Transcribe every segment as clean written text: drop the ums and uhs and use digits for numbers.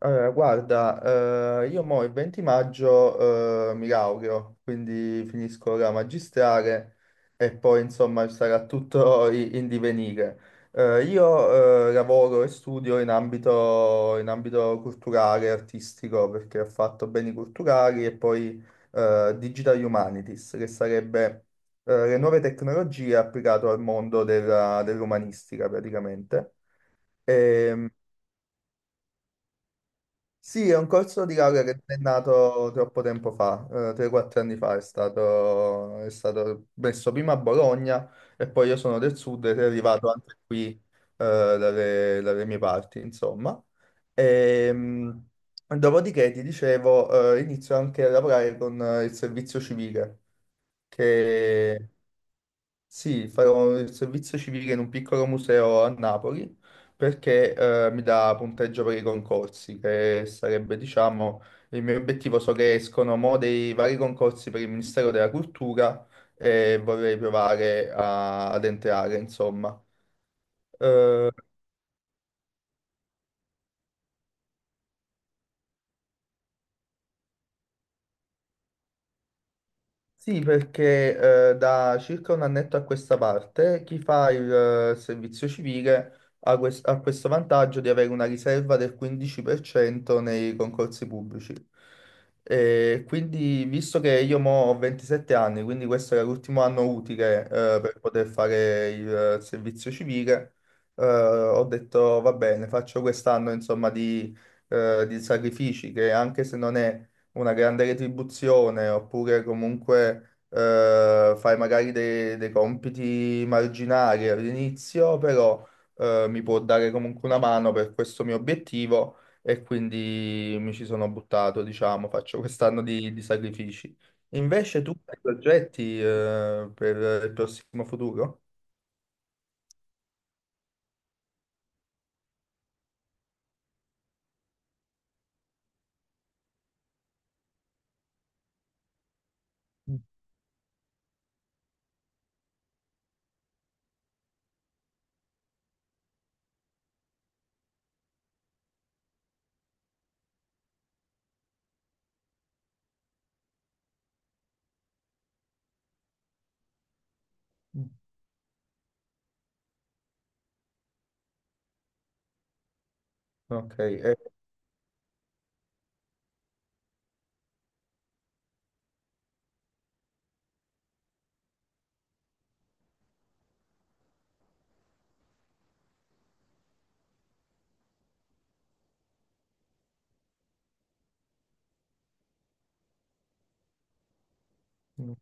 Allora, guarda, io mo il 20 maggio mi laureo, quindi finisco la magistrale e poi insomma sarà tutto in divenire. Io lavoro e studio in ambito, culturale, artistico, perché ho fatto beni culturali e poi Digital Humanities, che sarebbe le nuove tecnologie applicate al mondo dell'umanistica praticamente. Ehm, sì, è un corso di laurea che non è nato troppo tempo fa, 3-4 anni fa, è stato messo prima a Bologna e poi io sono del sud ed è arrivato anche qui, dalle mie parti, insomma. Ehm, dopodiché, ti dicevo, inizio anche a lavorare con il servizio civile, che sì, farò il servizio civile in un piccolo museo a Napoli perché mi dà punteggio per i concorsi, che sarebbe, diciamo, il mio obiettivo. So che escono mo dei vari concorsi per il Ministero della Cultura e vorrei provare ad entrare, insomma. Eh, Sì, perché da circa un annetto a questa parte chi fa il servizio civile ha questo vantaggio di avere una riserva del 15% nei concorsi pubblici. E quindi, visto che io mo ho 27 anni, quindi questo era l'ultimo anno utile per poter fare il servizio civile, ho detto va bene, faccio quest'anno insomma di sacrifici che anche se non è una grande retribuzione, oppure comunque fai magari dei compiti marginali all'inizio, però mi può dare comunque una mano per questo mio obiettivo e quindi mi ci sono buttato, diciamo, faccio quest'anno di sacrifici. Invece tu hai progetti per il prossimo futuro? Mm, mm. Ok, mm,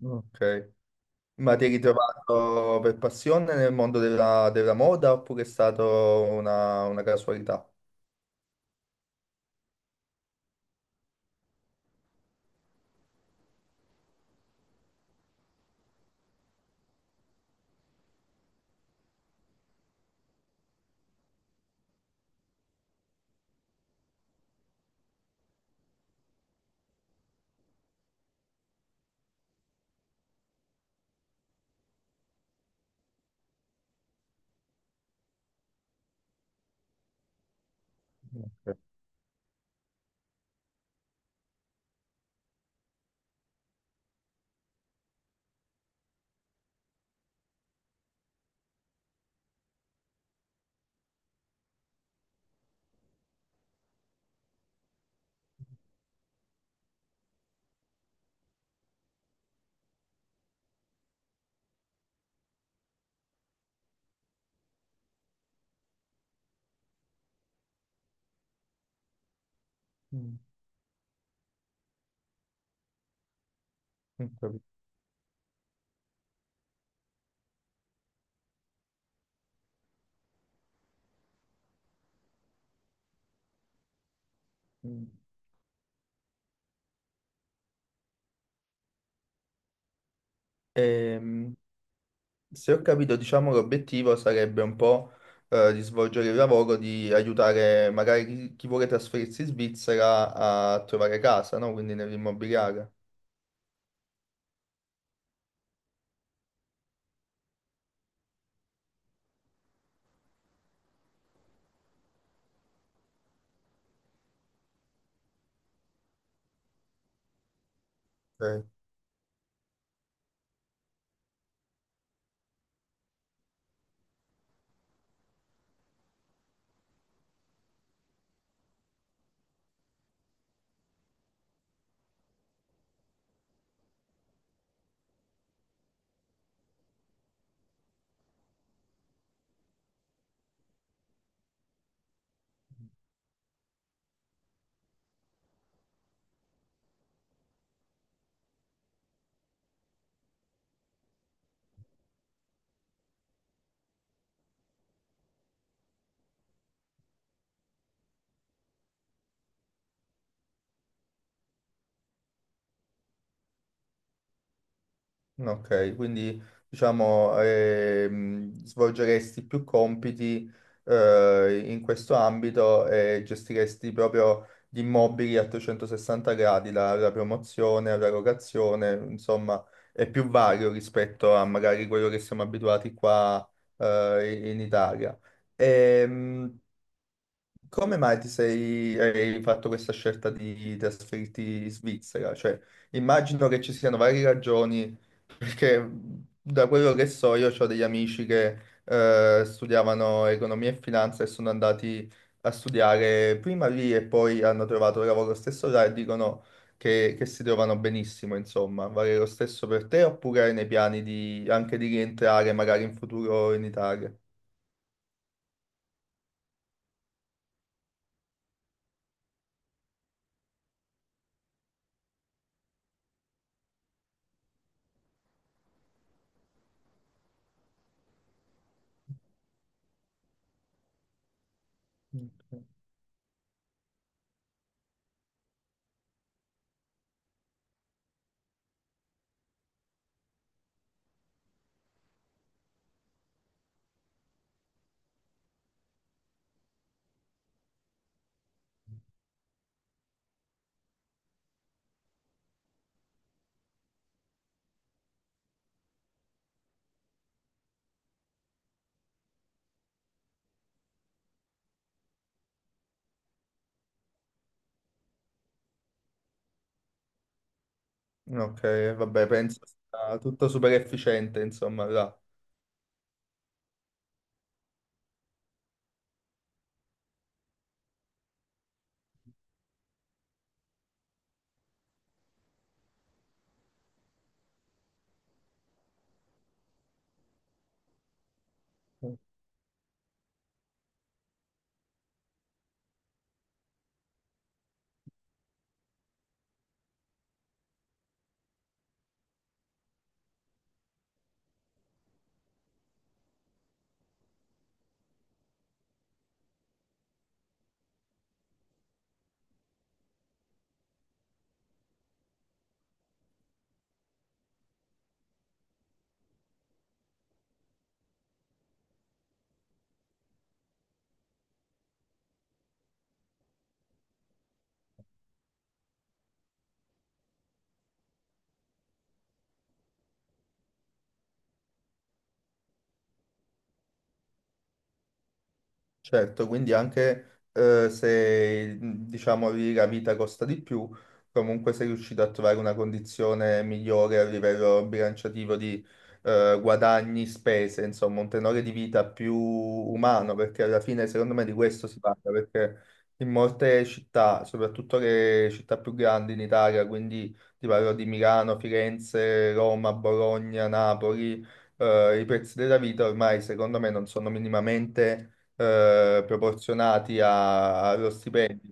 mm, ok. Ma ti hai ritrovato per passione nel mondo della moda oppure è stata una casualità? Mm, ho capito. Mm. Ehm, se ho capito, diciamo, l'obiettivo sarebbe un po' di svolgere il lavoro, di aiutare magari chi vuole trasferirsi in Svizzera a trovare casa, no? Quindi nell'immobiliare. Ok. Ok, quindi diciamo svolgeresti più compiti in questo ambito e gestiresti proprio gli immobili a 360 gradi, la promozione, la locazione, insomma, è più vario rispetto a magari quello che siamo abituati qua in Italia. Ehm, come mai hai fatto questa scelta di trasferirti in Svizzera? Cioè, immagino che ci siano varie ragioni, perché da quello che so io ho degli amici che studiavano economia e finanza e sono andati a studiare prima lì e poi hanno trovato lavoro stesso là e dicono che si trovano benissimo, insomma. Vale lo stesso per te oppure hai nei piani di, anche di rientrare magari in futuro in Italia? Ok. Ok, vabbè, penso sia tutto super efficiente, insomma, là. Certo, quindi anche se diciamo lì la vita costa di più, comunque sei riuscito a trovare una condizione migliore a livello bilanciativo di guadagni, spese, insomma, un tenore di vita più umano, perché alla fine secondo me di questo si parla, perché in molte città, soprattutto le città più grandi in Italia, quindi ti parlo di Milano, Firenze, Roma, Bologna, Napoli, i prezzi della vita ormai secondo me non sono minimamente proporzionati allo stipendio.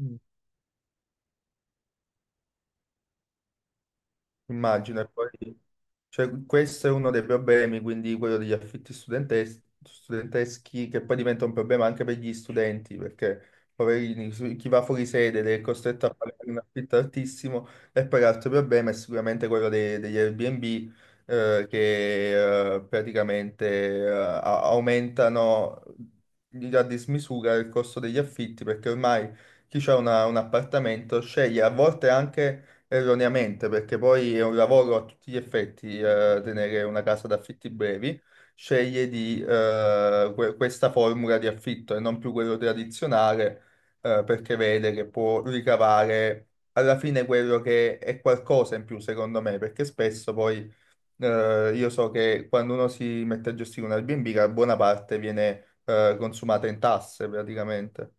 Mm. Immagino. Cioè, questo è uno dei problemi, quindi quello degli affitti studenteschi, che poi diventa un problema anche per gli studenti, perché poverini, chi va fuori sede ed è costretto a pagare un affitto altissimo, e poi l'altro problema è sicuramente quello degli Airbnb, che praticamente aumentano a dismisura il costo degli affitti, perché ormai chi ha un appartamento sceglie a volte anche erroneamente, perché poi è un lavoro a tutti gli effetti, tenere una casa d'affitti brevi, sceglie di questa formula di affitto e non più quello tradizionale, perché vede che può ricavare alla fine quello che è qualcosa in più, secondo me, perché spesso poi, io so che quando uno si mette a gestire un Airbnb, la buona parte viene, consumata in tasse praticamente.